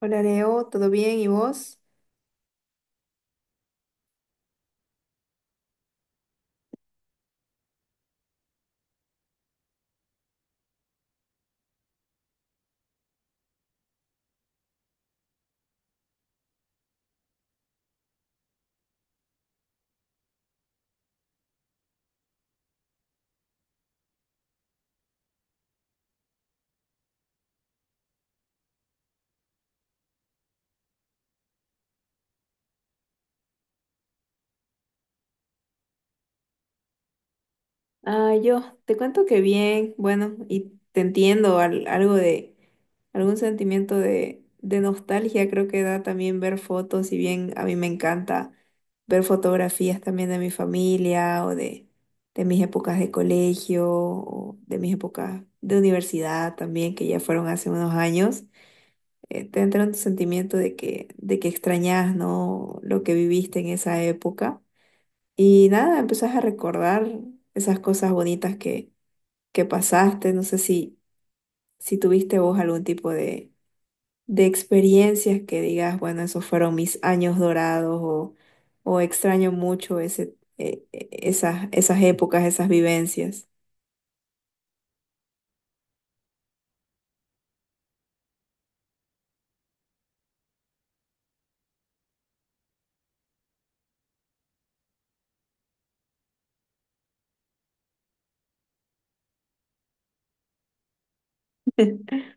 Hola Leo, ¿todo bien? ¿Y vos? Ah, yo te cuento que bien, bueno, y te entiendo algo de algún sentimiento de nostalgia, creo que da también ver fotos, y bien a mí me encanta ver fotografías también de mi familia de mis épocas de colegio o de mis épocas de universidad también, que ya fueron hace unos años, te entra un sentimiento de que extrañas, ¿no? Lo que viviste en esa época. Y nada, empezás a recordar esas cosas bonitas que pasaste. No sé si, si tuviste vos algún tipo de experiencias que digas, bueno, esos fueron mis años dorados o extraño mucho esas épocas, esas vivencias.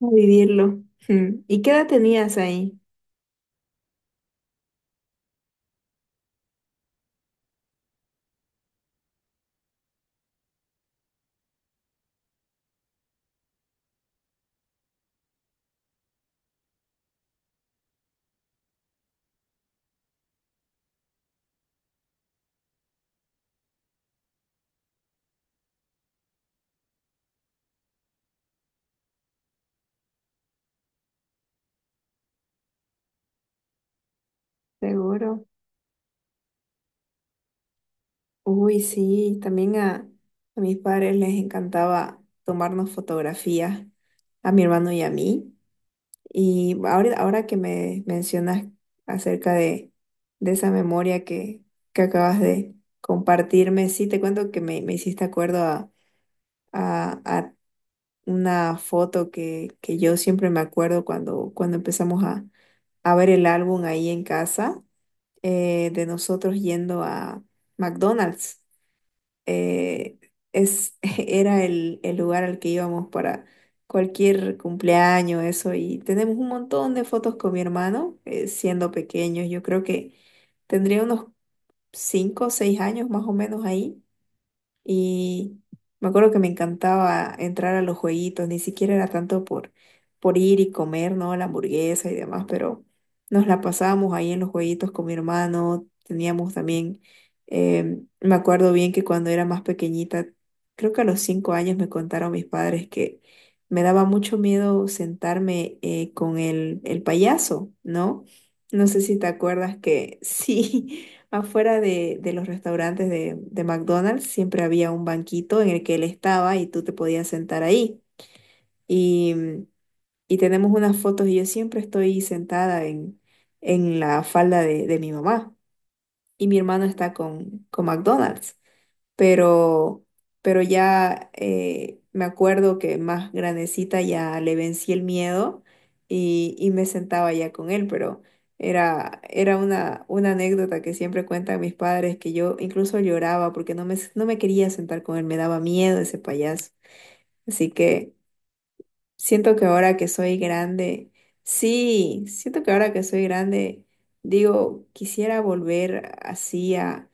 Vivirlo. Mm. ¿Y qué edad tenías ahí? Seguro. Uy, sí, a mis padres les encantaba tomarnos fotografías, a mi hermano y a mí. Y ahora que me mencionas acerca de esa memoria que acabas de compartirme, sí, te cuento que me hiciste acuerdo a una foto que yo siempre me acuerdo cuando empezamos a ver el álbum ahí en casa, de nosotros yendo a McDonald's. eh, era el lugar al que íbamos para cualquier cumpleaños, eso, y tenemos un montón de fotos con mi hermano, siendo pequeños, yo creo que tendría unos 5 o 6 años más o menos ahí, y me acuerdo que me encantaba entrar a los jueguitos, ni siquiera era tanto por ir y comer, ¿no? La hamburguesa y demás, pero nos la pasábamos ahí en los jueguitos con mi hermano, teníamos también, me acuerdo bien que cuando era más pequeñita, creo que a los 5 años me contaron mis padres que me daba mucho miedo sentarme con el payaso, ¿no? No sé si te acuerdas que sí. Afuera de los restaurantes de McDonald's siempre había un banquito en el que él estaba y tú te podías sentar ahí. Y, mm, y tenemos unas fotos y yo siempre estoy sentada en la falda de mi mamá y mi hermano está con McDonald's, pero, pero ya me acuerdo que más grandecita ya le vencí el miedo y me sentaba ya con él, pero era una anécdota que siempre cuentan mis padres que yo incluso lloraba porque no me quería sentar con él, me daba miedo ese payaso. Así que siento que ahora que soy grande, sí, siento que ahora que soy grande, digo, quisiera volver así a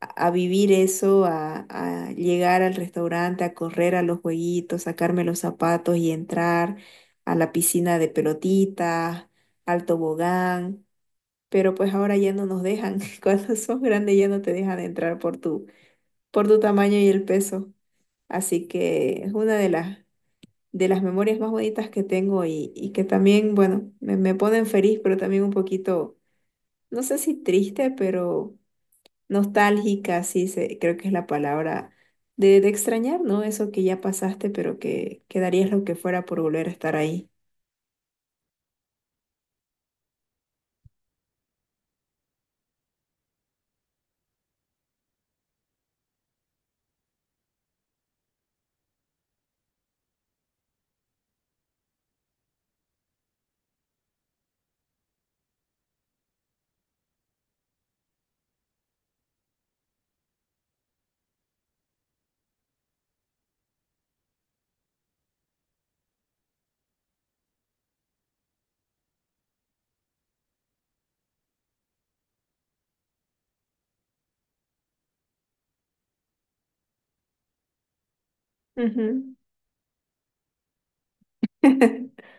vivir eso, a llegar al restaurante, a correr a los jueguitos, sacarme los zapatos y entrar a la piscina de pelotitas, al tobogán, pero pues ahora ya no nos dejan, cuando sos grande ya no te dejan entrar por por tu tamaño y el peso, así que es una de de las memorias más bonitas que tengo y que también, bueno, me ponen feliz, pero también un poquito, no sé si triste, pero... Nostálgica, sí, se, creo que es la palabra de extrañar, ¿no? Eso que ya pasaste, pero que darías lo que fuera por volver a estar ahí. Ujú.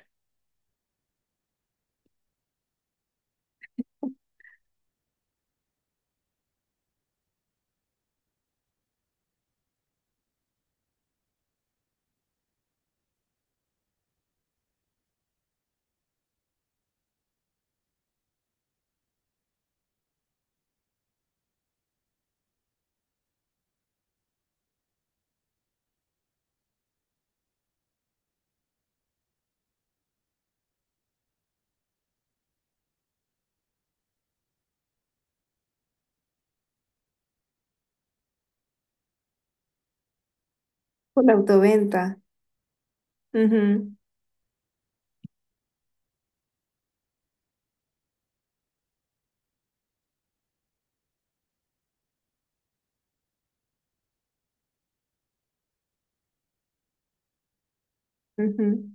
Por la autoventa. Ujú, ujú.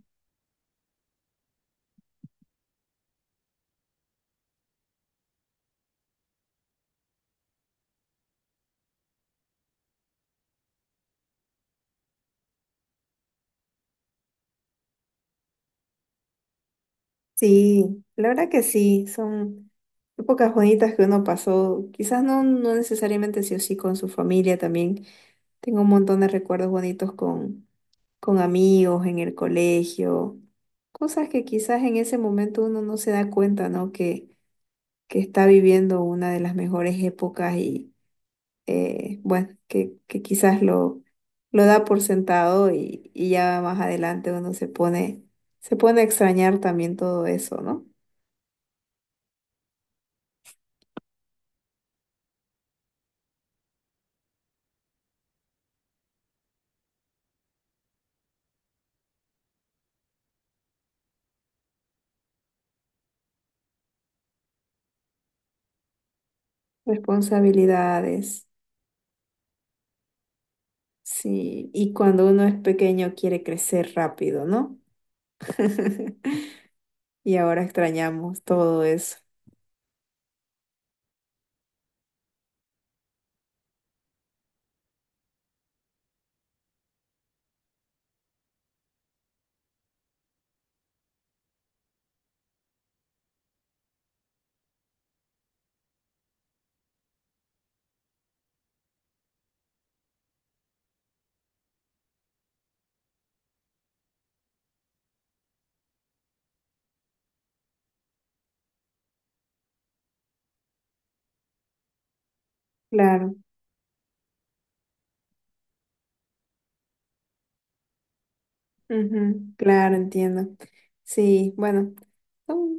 Sí, la verdad que sí, son épocas bonitas que uno pasó, quizás no necesariamente sí o sí con su familia también. Tengo un montón de recuerdos bonitos con amigos en el colegio, cosas que quizás en ese momento uno no se da cuenta, ¿no? Que está viviendo una de las mejores épocas y bueno, que quizás lo da por sentado y ya más adelante se pone a extrañar también todo eso, ¿no? Responsabilidades, sí, y cuando uno es pequeño quiere crecer rápido, ¿no? Y ahora extrañamos todo eso. Claro, ujú, claro, entiendo. Sí, bueno, mm,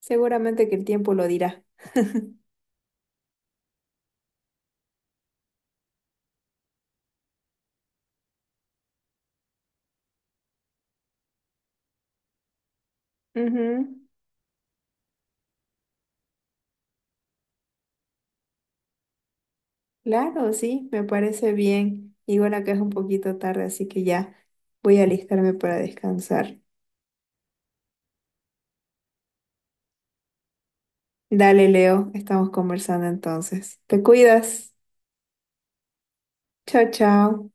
seguramente que el tiempo lo dirá. Ujú. Claro, sí, me parece bien. Y bueno, que es un poquito tarde, así que ya voy a alistarme para descansar. Dale, Leo, estamos conversando entonces. Te cuidas. Chao, chao.